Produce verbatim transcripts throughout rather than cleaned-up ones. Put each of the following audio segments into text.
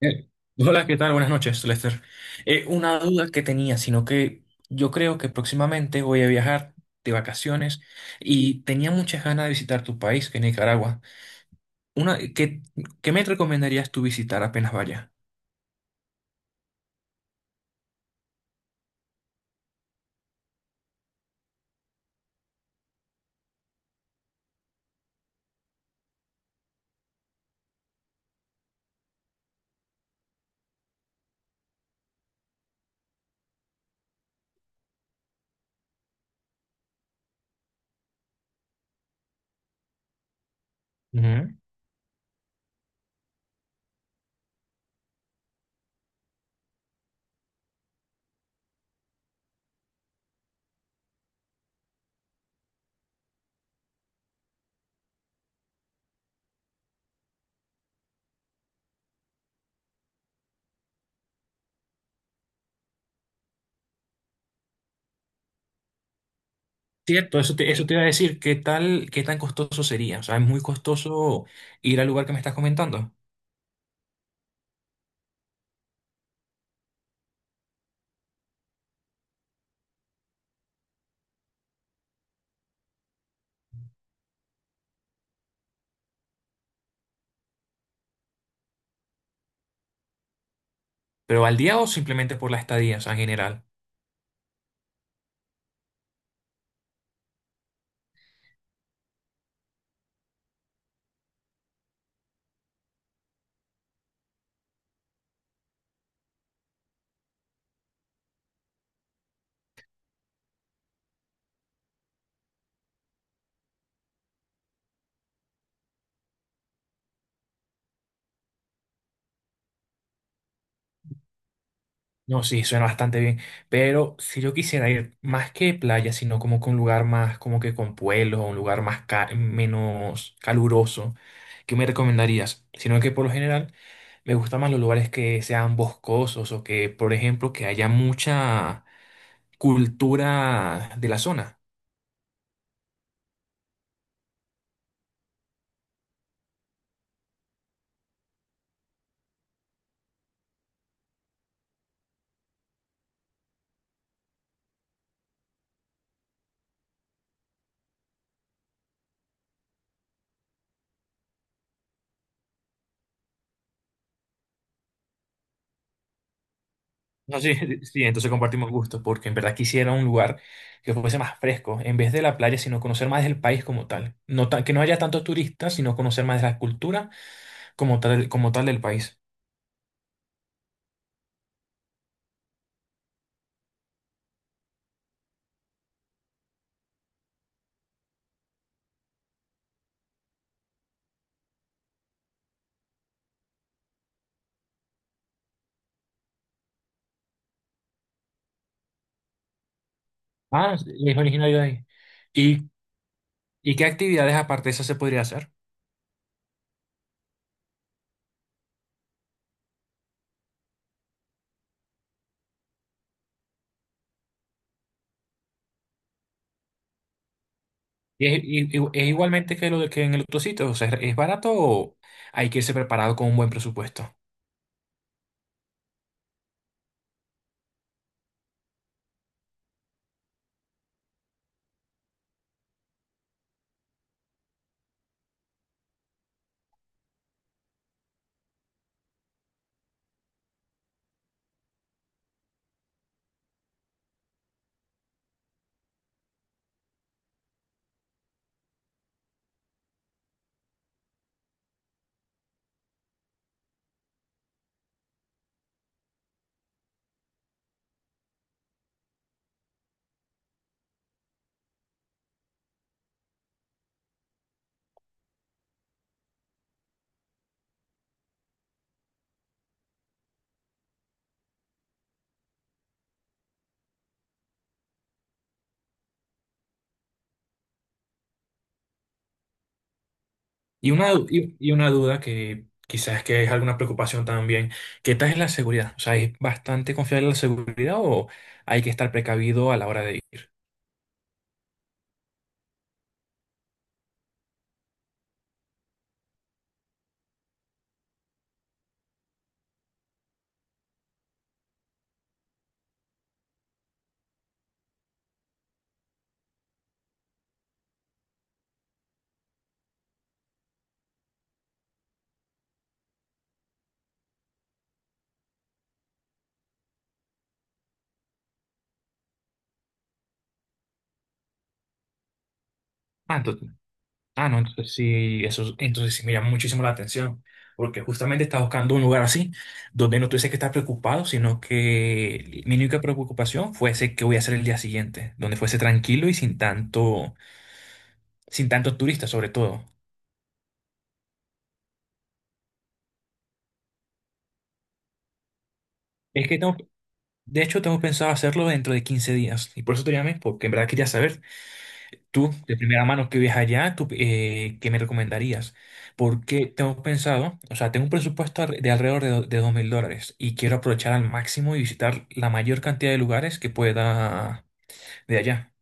Eh, Hola, ¿qué tal? Buenas noches, Lester. Eh, una duda que tenía, sino que yo creo que próximamente voy a viajar de vacaciones y tenía muchas ganas de visitar tu país, que es Nicaragua. Una, ¿qué, ¿qué me recomendarías tú visitar apenas vaya? Ujú. Cierto, eso te, eso te iba a decir, ¿qué tal, ¿qué tan costoso sería? O sea, es muy costoso ir al lugar que me estás comentando, pero al día o simplemente por la estadía, o sea, en general. No, sí, suena bastante bien. Pero si yo quisiera ir más que playa, sino como que un lugar más, como que con pueblos, o un lugar más ca- menos caluroso, ¿qué me recomendarías? Sino que por lo general me gustan más los lugares que sean boscosos o que, por ejemplo, que haya mucha cultura de la zona. No, sí, sí, entonces compartimos gustos, porque en verdad quisiera un lugar que fuese más fresco, en vez de la playa, sino conocer más del país como tal. No tan- que no haya tantos turistas, sino conocer más de la cultura como tal, como tal del país. Ah, sí, es originario de ahí. ¿Y, ¿Y qué actividades aparte de esas se podría hacer? ¿Y es, y- y- es igualmente que lo de- que en el otro sitio? O sea, ¿es barato o hay que irse preparado con un buen presupuesto? Y una, du- y, y una duda que quizás que es alguna preocupación también. ¿Qué tal es la seguridad? O sea, ¿es bastante confiable la seguridad o hay que estar precavido a la hora de ir? Ah, Ah, no, entonces sí, eso, entonces sí me llama muchísimo la atención, porque justamente estaba buscando un lugar así, donde no tuviese que estar preocupado, sino que mi única preocupación fuese qué voy a hacer el día siguiente, donde fuese tranquilo y sin tanto, sin tantos turistas sobre todo. Es que tengo, de hecho tengo pensado hacerlo dentro de quince días, y por eso te llamé, porque en verdad quería saber. Tú, de primera mano que vives allá, tú, eh, ¿qué me recomendarías? Porque tengo pensado, o sea, tengo un presupuesto al- de alrededor de, do- de dos mil dólares y quiero aprovechar al máximo y visitar la mayor cantidad de lugares que pueda de allá.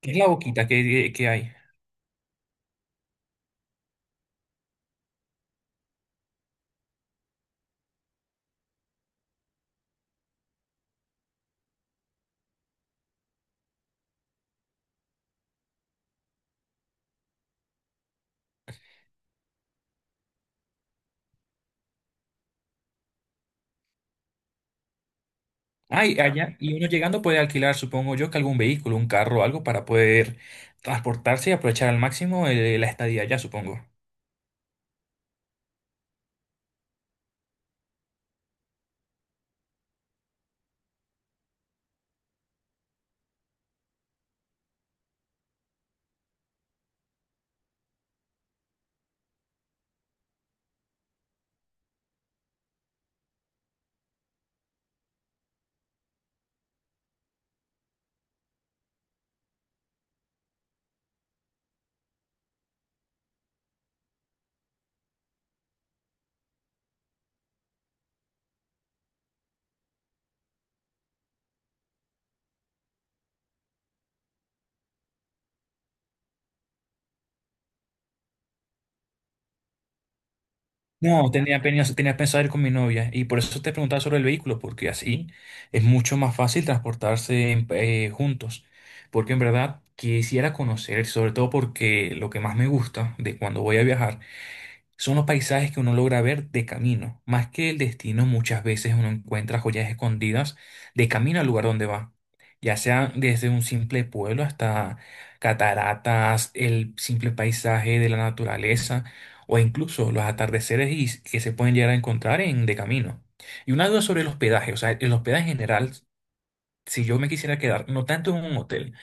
¿Qué es la boquita que, eh, que hay? Hay allá, y uno llegando puede alquilar, supongo yo, que algún vehículo, un carro o algo para poder transportarse y aprovechar al máximo eh, la estadía allá, supongo. No, tenía, peni- tenía pensado ir con mi novia y por eso te preguntaba sobre el vehículo, porque así es mucho más fácil transportarse en- eh, juntos. Porque en verdad quisiera conocer, sobre todo porque lo que más me gusta de cuando voy a viajar son los paisajes que uno logra ver de camino. Más que el destino, muchas veces uno encuentra joyas escondidas de camino al lugar donde va. Ya sea desde un simple pueblo hasta cataratas, el simple paisaje de la naturaleza o incluso los atardeceres y- que se pueden llegar a encontrar en de camino. Y una duda sobre el hospedaje, o sea, el hospedaje en general si yo me quisiera quedar, no tanto en un hotel,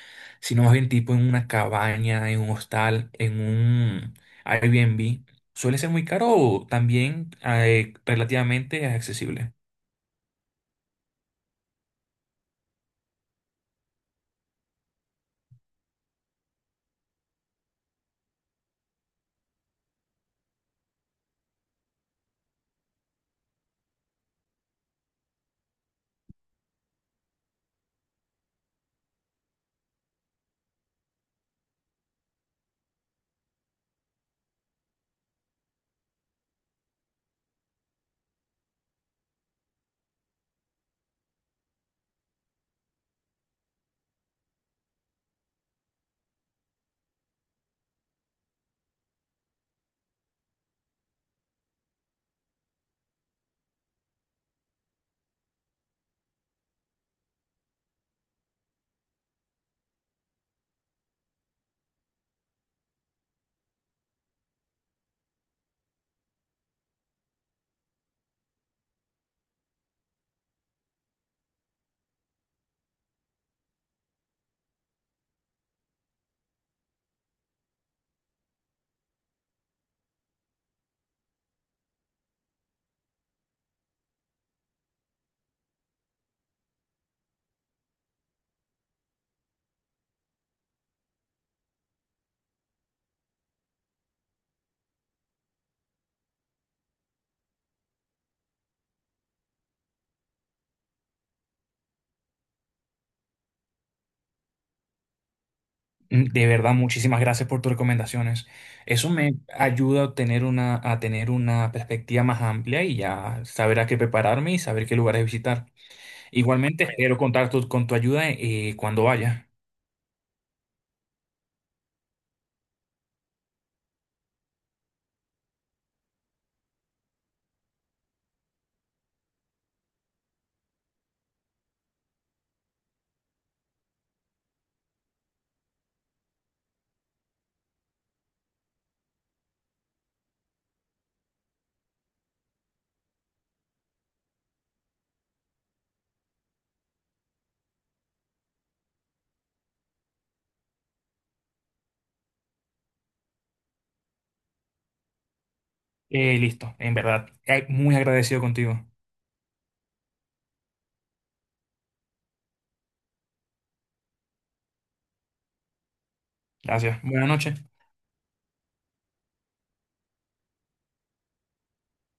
sino más bien tipo en una cabaña, en un hostal, en un Airbnb, suele ser muy caro o también eh, relativamente accesible. Mm, de verdad, muchísimas gracias por tus recomendaciones. Eso me ayuda a tener una, a tener una perspectiva más amplia y ya saber a qué prepararme y saber qué lugares visitar. Igualmente, espero contar tu- con tu ayuda eh, cuando vaya. Eh, listo, en verdad, eh, muy agradecido contigo. Gracias. Buenas noches.